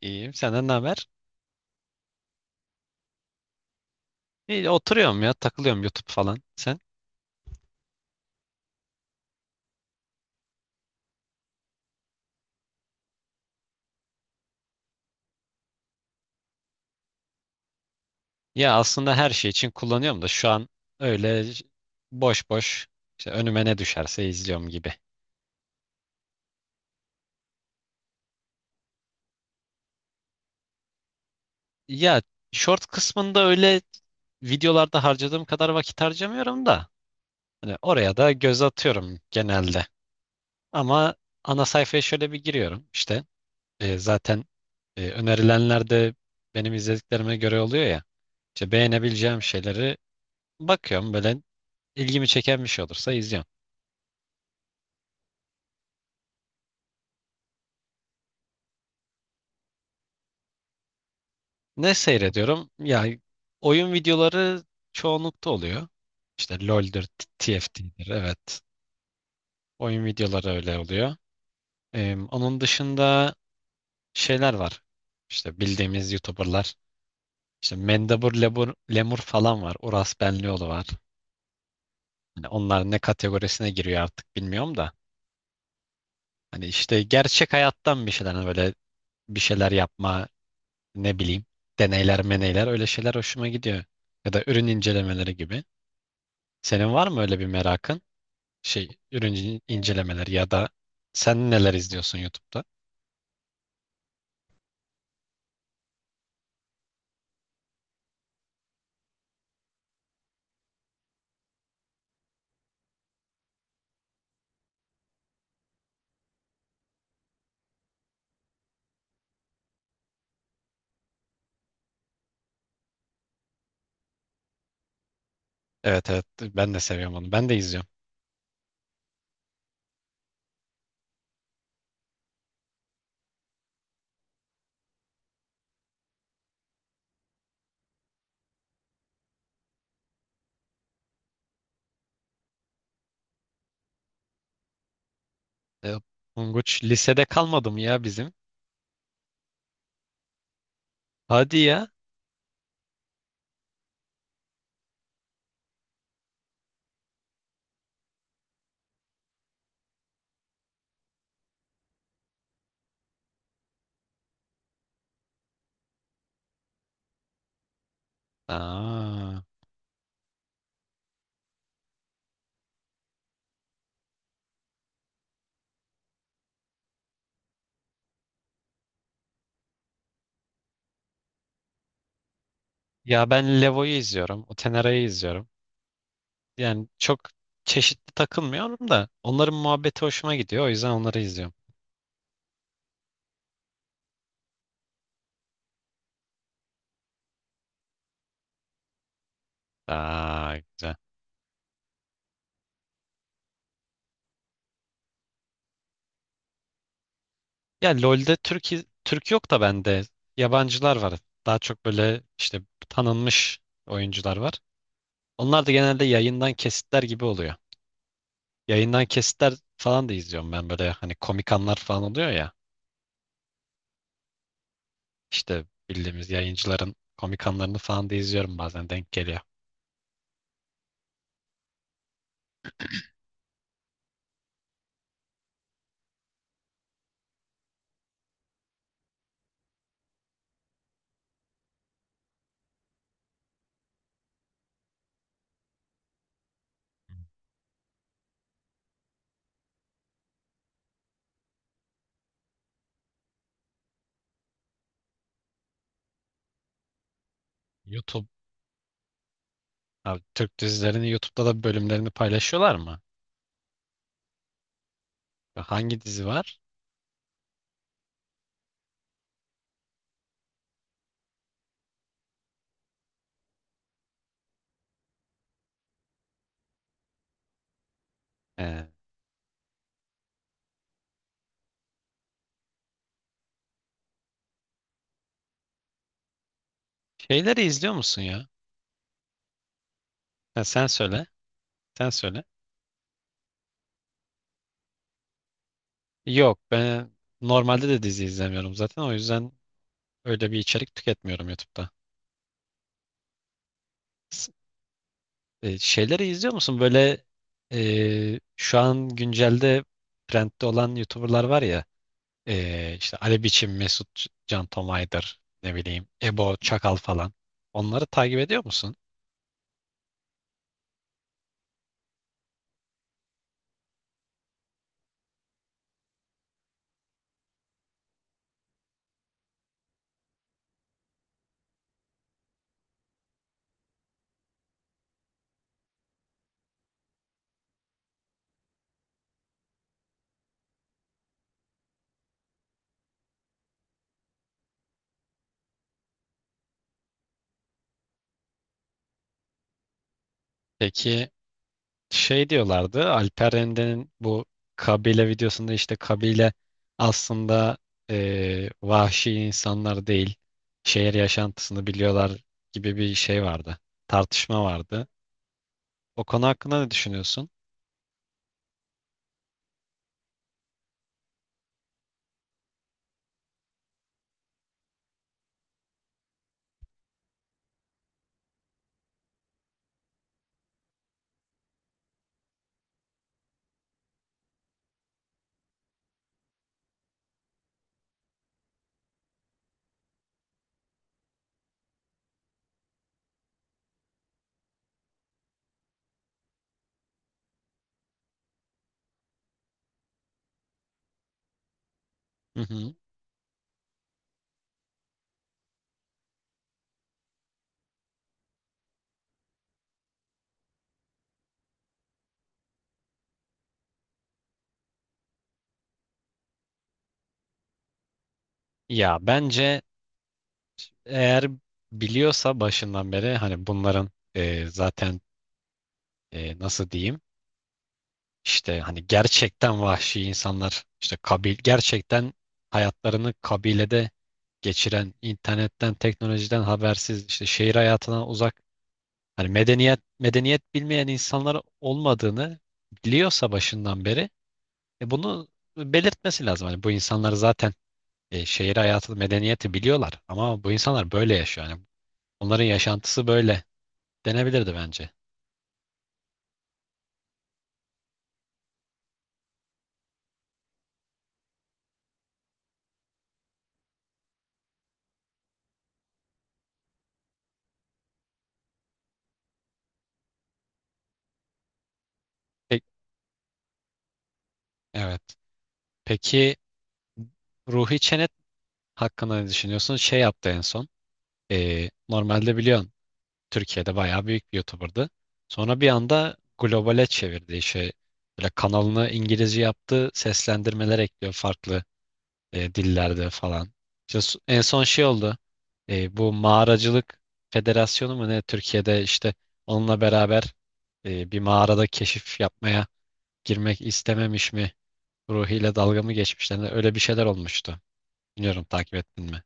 İyiyim. Senden ne haber? İyi, oturuyorum ya. Takılıyorum YouTube falan. Sen? Ya aslında her şey için kullanıyorum da şu an öyle boş boş işte önüme ne düşerse izliyorum gibi. Ya short kısmında öyle videolarda harcadığım kadar vakit harcamıyorum da hani oraya da göz atıyorum genelde. Ama ana sayfaya şöyle bir giriyorum işte. Zaten önerilenler de benim izlediklerime göre oluyor ya. İşte beğenebileceğim şeyleri bakıyorum böyle ilgimi çeken bir şey olursa izliyorum. Ne seyrediyorum? Ya oyun videoları çoğunlukta oluyor. İşte LoL'dür, TFT'dir. Evet. Oyun videoları öyle oluyor. Onun dışında şeyler var. İşte bildiğimiz YouTuber'lar. İşte Mendebur Lemur, Lemur falan var. Uras Benlioğlu var. Hani onlar ne kategorisine giriyor artık bilmiyorum da. Hani işte gerçek hayattan bir şeyler hani böyle bir şeyler yapma, ne bileyim deneyler meneyler öyle şeyler hoşuma gidiyor. Ya da ürün incelemeleri gibi. Senin var mı öyle bir merakın? Şey ürün incelemeleri ya da sen neler izliyorsun YouTube'da? Evet evet ben de seviyorum onu. Ben de izliyorum. E, Tonguç lisede kalmadı mı ya bizim? Hadi ya. Aa. Ya ben Levo'yu izliyorum. Otenera'yı izliyorum. Yani çok çeşitli takılmıyorum da onların muhabbeti hoşuma gidiyor. O yüzden onları izliyorum. Aa, güzel. Ya LoL'de Türk yok da bende yabancılar var. Daha çok böyle işte tanınmış oyuncular var. Onlar da genelde yayından kesitler gibi oluyor. Yayından kesitler falan da izliyorum ben böyle hani komik anlar falan oluyor ya. İşte bildiğimiz yayıncıların komik anlarını falan da izliyorum bazen denk geliyor. YouTube, abi Türk dizilerini YouTube'da da bölümlerini paylaşıyorlar mı? Hangi dizi var? Ee, şeyleri izliyor musun ya? Ha, sen söyle. Sen söyle. Yok ben normalde de dizi izlemiyorum zaten o yüzden öyle bir içerik tüketmiyorum YouTube'da. S- şeyleri izliyor musun? Böyle şu an güncelde trendde olan YouTuber'lar var ya işte Ali Biçim, Can Tomay'dır ne bileyim Ebo Çakal falan. Onları takip ediyor musun? Peki şey diyorlardı Alper Rende'nin bu kabile videosunda işte kabile aslında vahşi insanlar değil şehir yaşantısını biliyorlar gibi bir şey vardı tartışma vardı o konu hakkında ne düşünüyorsun? Hı hı. Ya bence eğer biliyorsa başından beri hani bunların zaten nasıl diyeyim işte hani gerçekten vahşi insanlar işte kabil gerçekten hayatlarını kabilede geçiren, internetten, teknolojiden habersiz, işte şehir hayatından uzak, hani medeniyet medeniyet bilmeyen insanlar olmadığını biliyorsa başından beri bunu belirtmesi lazım. Hani bu insanlar zaten şehir hayatı, medeniyeti biliyorlar ama bu insanlar böyle yaşıyor. Yani onların yaşantısı böyle denebilirdi bence. Peki, evet. Peki Ruhi Çenet hakkında ne düşünüyorsun? Şey yaptı en son. Normalde biliyorsun Türkiye'de bayağı büyük bir YouTuber'dı. Sonra bir anda globale çevirdi işi. Böyle kanalını İngilizce yaptı. Seslendirmeler ekliyor farklı dillerde falan. İşte en son şey oldu. Bu mağaracılık federasyonu mu ne? Türkiye'de işte onunla beraber bir mağarada keşif yapmaya girmek istememiş mi? Ruhiyle dalga mı geçmişler? Öyle bir şeyler olmuştu. Bilmiyorum takip ettin mi?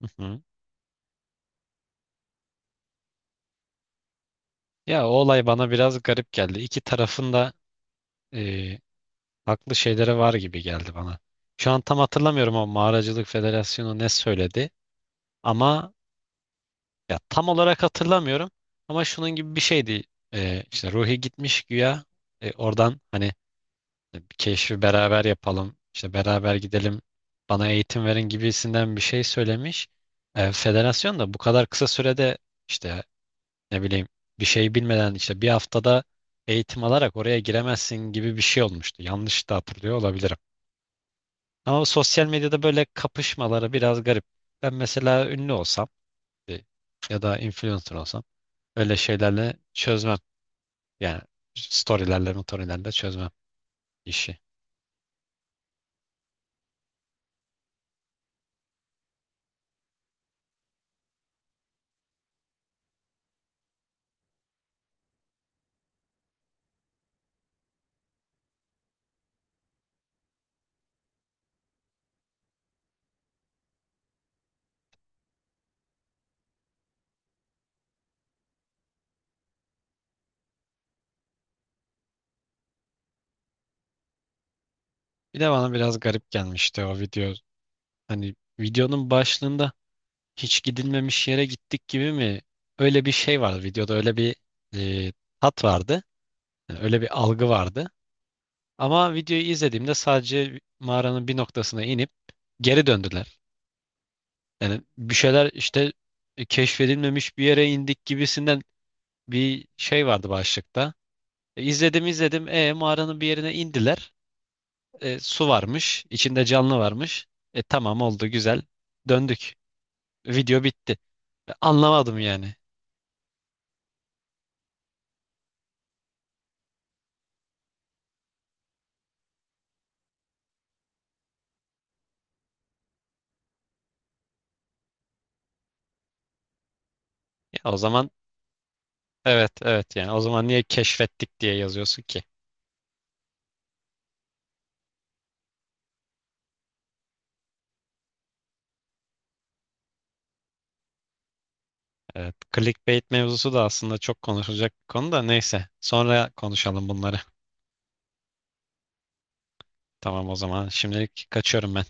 Ya o olay bana biraz garip geldi. İki tarafında e, haklı şeyleri var gibi geldi bana. Şu an tam hatırlamıyorum o Mağaracılık Federasyonu ne söyledi. Ama ya tam olarak hatırlamıyorum. Ama şunun gibi bir şeydi. E, işte Ruhi gitmiş güya. Oradan hani bir keşfi beraber yapalım. İşte beraber gidelim. Bana eğitim verin gibisinden bir şey söylemiş. Federasyon da bu kadar kısa sürede işte ne bileyim bir şey bilmeden işte bir haftada eğitim alarak oraya giremezsin gibi bir şey olmuştu. Yanlış da hatırlıyor olabilirim. Ama bu sosyal medyada böyle kapışmaları biraz garip. Ben mesela ünlü olsam e, ya da influencer olsam öyle şeylerle çözmem. Yani storylerle, motorilerle çözmem işi. Bir de bana biraz garip gelmişti o video. Hani videonun başlığında hiç gidilmemiş yere gittik gibi mi? Öyle bir şey vardı videoda öyle bir e, tat vardı. Yani öyle bir algı vardı. Ama videoyu izlediğimde sadece mağaranın bir noktasına inip geri döndüler. Yani bir şeyler işte keşfedilmemiş bir yere indik gibisinden bir şey vardı başlıkta. İzledim izledim. Mağaranın bir yerine indiler. Su varmış. İçinde canlı varmış. Tamam oldu güzel. Döndük. Video bitti. Anlamadım yani. Ya o zaman evet evet yani o zaman niye keşfettik diye yazıyorsun ki? Evet, clickbait mevzusu da aslında çok konuşulacak bir konu da neyse. Sonra konuşalım bunları. Tamam o zaman. Şimdilik kaçıyorum ben.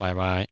Bay bay.